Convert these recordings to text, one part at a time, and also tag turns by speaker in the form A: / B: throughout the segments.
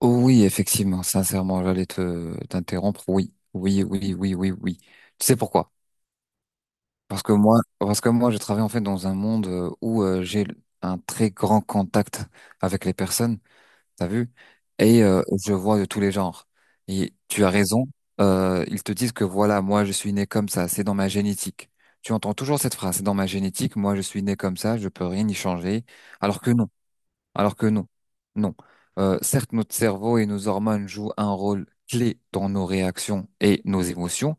A: Oui, effectivement, sincèrement, j'allais te t'interrompre. Oui, oui, oui, oui, oui, oui. Tu sais pourquoi? Parce que moi, je travaille en fait dans un monde où j'ai un très grand contact avec les personnes, t'as vu? Et je vois de tous les genres. Et tu as raison. Ils te disent que voilà, moi, je suis né comme ça, c'est dans ma génétique. Tu entends toujours cette phrase, c'est dans ma génétique, moi, je suis né comme ça, je peux rien y changer. Alors que non. Alors que non, non. Certes, notre cerveau et nos hormones jouent un rôle clé dans nos réactions et nos émotions,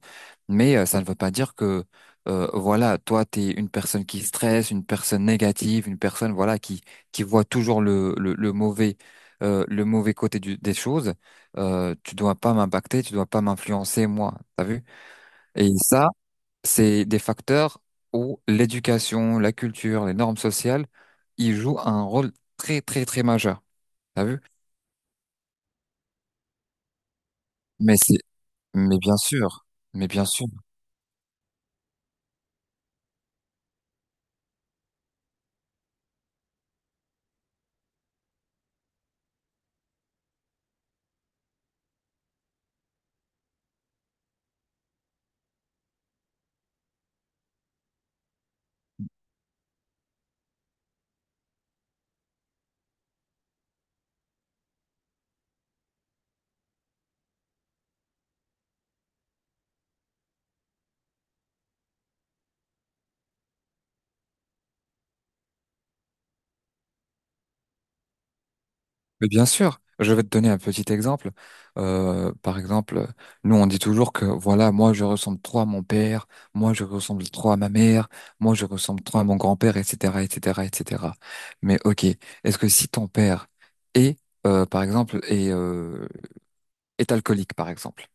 A: mais ça ne veut pas dire que, voilà, toi, tu es une personne qui stresse, une personne négative, une personne, voilà, qui voit toujours le mauvais côté des choses. Tu dois pas m'impacter, tu dois pas m'influencer, moi. T'as vu? Et ça, c'est des facteurs où l'éducation, la culture, les normes sociales, ils jouent un rôle très très très majeur. T'as vu? Mais c'est, mais bien sûr, mais bien sûr, mais bien sûr. Je vais te donner un petit exemple. Par exemple, nous on dit toujours que voilà, moi je ressemble trop à mon père, moi je ressemble trop à ma mère, moi je ressemble trop à mon grand-père, etc., etc., etc. Mais ok, est-ce que si ton père est, par exemple, est alcoolique, par exemple,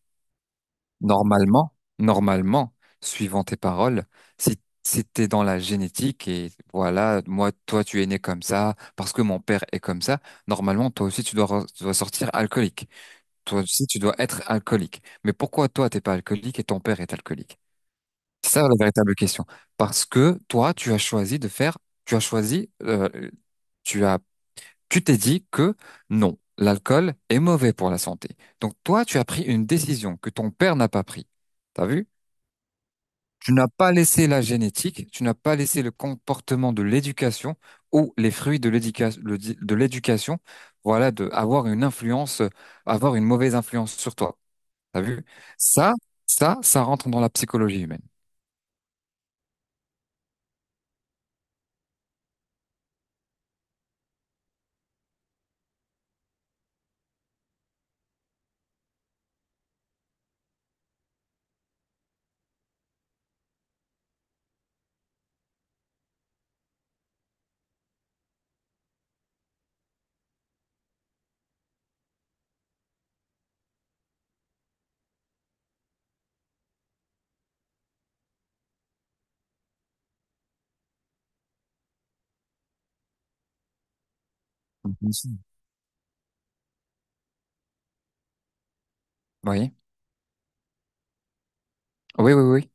A: Normalement, normalement, suivant tes paroles, si, si t'es dans la génétique et voilà, moi, toi, tu es né comme ça, parce que mon père est comme ça, normalement, toi aussi, tu dois sortir alcoolique. Toi aussi, tu dois être alcoolique. Mais pourquoi toi, t'es pas alcoolique et ton père est alcoolique? C'est ça la véritable question. Parce que toi, tu as choisi de faire, tu as choisi, euh, tu as, tu t'es dit que non, l'alcool est mauvais pour la santé. Donc toi, tu as pris une décision que ton père n'a pas pris. T'as vu? Tu n'as pas laissé la génétique, tu n'as pas laissé le comportement de l'éducation ou les fruits de l'éducation, voilà, de avoir une influence, avoir une mauvaise influence sur toi. T'as vu? Ça, ça rentre dans la psychologie humaine. Bien sûr. Oui, oui, oui, oui,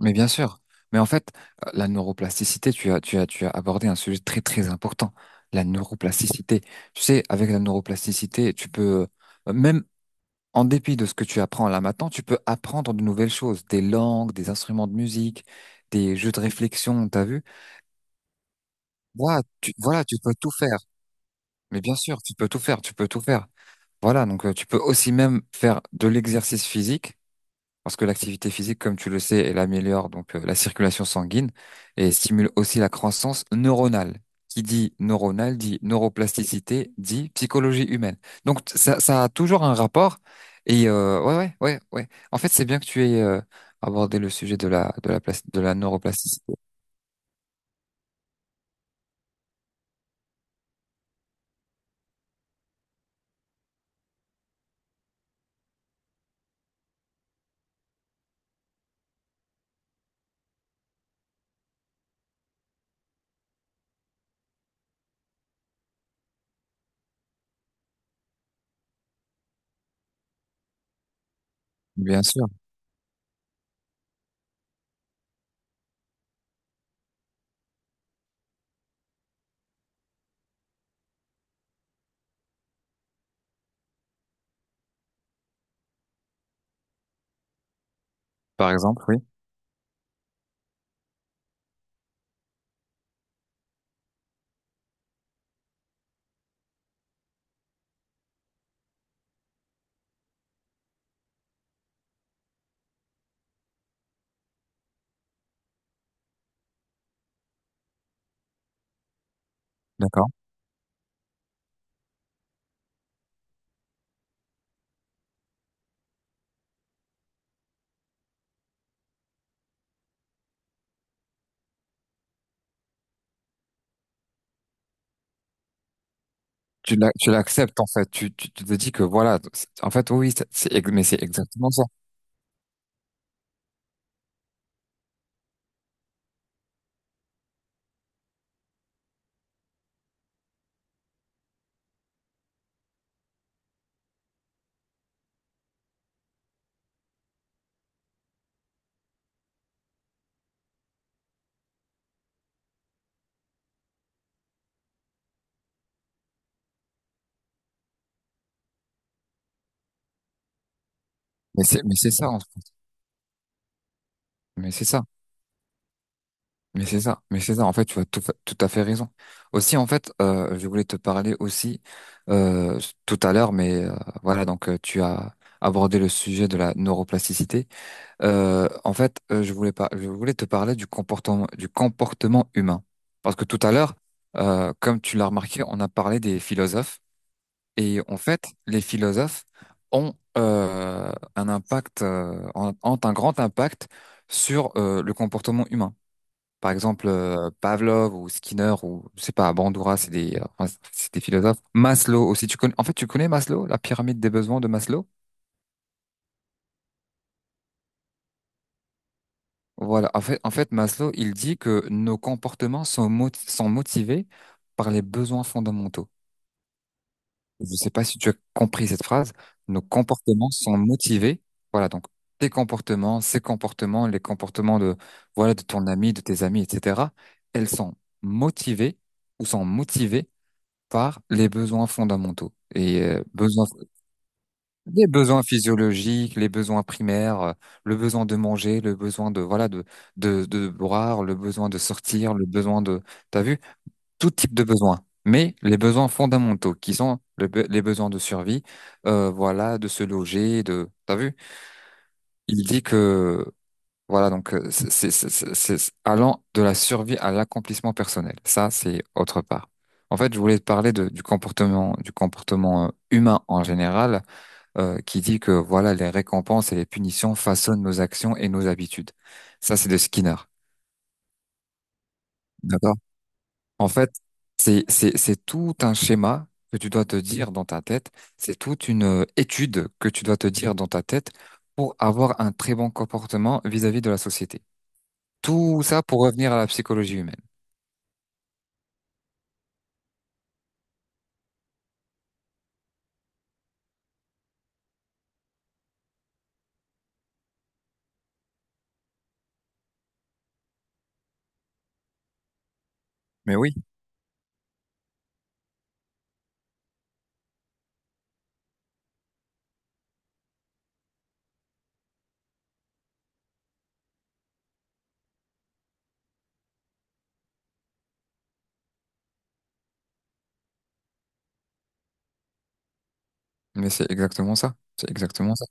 A: mais bien sûr. Mais en fait, la neuroplasticité, tu as abordé un sujet très, très important. La neuroplasticité. Tu sais, avec la neuroplasticité, tu peux, même en dépit de ce que tu apprends là maintenant, tu peux apprendre de nouvelles choses, des langues, des instruments de musique, des jeux de réflexion, t'as vu? Voilà, tu peux tout faire. Mais bien sûr, tu peux tout faire. Voilà, donc tu peux aussi même faire de l'exercice physique. Parce que l'activité physique, comme tu le sais, elle améliore donc la circulation sanguine et stimule aussi la croissance neuronale. Qui dit neuronale dit neuroplasticité, dit psychologie humaine. Donc ça, ça a toujours un rapport. Et ouais, ouais, ouais, ouais. En fait, c'est bien que tu aies abordé le sujet de la neuroplasticité. Bien sûr. Par exemple, oui. D'accord. Tu l'acceptes en fait. Tu te dis que voilà. En fait, oui, mais c'est exactement ça. Mais c'est ça en fait. Mais c'est ça. Mais c'est ça. En fait, tu as tout à fait raison. Aussi, en fait, je voulais te parler aussi euh, tout à l'heure, mais voilà, donc tu as abordé le sujet de la neuroplasticité. En fait, je voulais pas, je voulais te parler du comportement humain, parce que tout à l'heure, comme tu l'as remarqué, on a parlé des philosophes, et en fait, les philosophes ont un impact, ont un grand impact sur le comportement humain. Par exemple, Pavlov ou Skinner ou je sais pas, Bandura, c'est des, c'est des philosophes. Maslow aussi, tu connais. En fait, tu connais Maslow, la pyramide des besoins de Maslow. Voilà. En fait, Maslow, il dit que nos comportements sont motivés par les besoins fondamentaux. Je sais pas si tu as compris cette phrase. Nos comportements sont motivés. Voilà. Donc, ces comportements, les comportements de, voilà, de ton ami, de tes amis, etc. Elles sont motivées ou sont motivées par les besoins fondamentaux et les besoins physiologiques, les besoins primaires, le besoin de manger, le besoin de voilà de boire, le besoin de sortir, le besoin de t'as vu tout type de besoin. Mais les besoins fondamentaux qui sont les besoins de survie, voilà de se loger, de t'as vu. Il dit que voilà, donc c'est allant de la survie à l'accomplissement personnel. Ça, c'est autre part. En fait, je voulais te parler de- du comportement humain en général, qui dit que voilà, les récompenses et les punitions façonnent nos actions et nos habitudes. Ça, c'est de Skinner. D'accord? En fait, c'est tout un schéma que tu dois te dire dans ta tête. C'est toute une étude que tu dois te dire dans ta tête pour avoir un très bon comportement vis-à-vis de la société. Tout ça pour revenir à la psychologie humaine. Mais oui, mais c'est exactement ça. C'est exactement ça.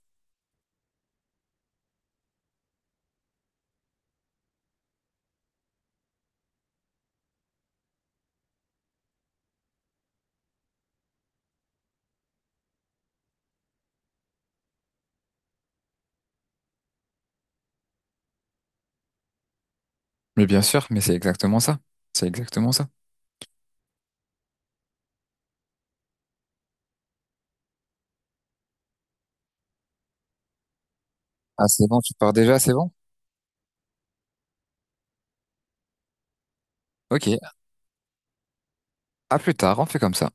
A: Mais bien sûr, mais c'est exactement ça. C'est exactement ça. Ah, c'est bon, tu pars déjà, c'est bon? Ok, à plus tard, on fait comme ça.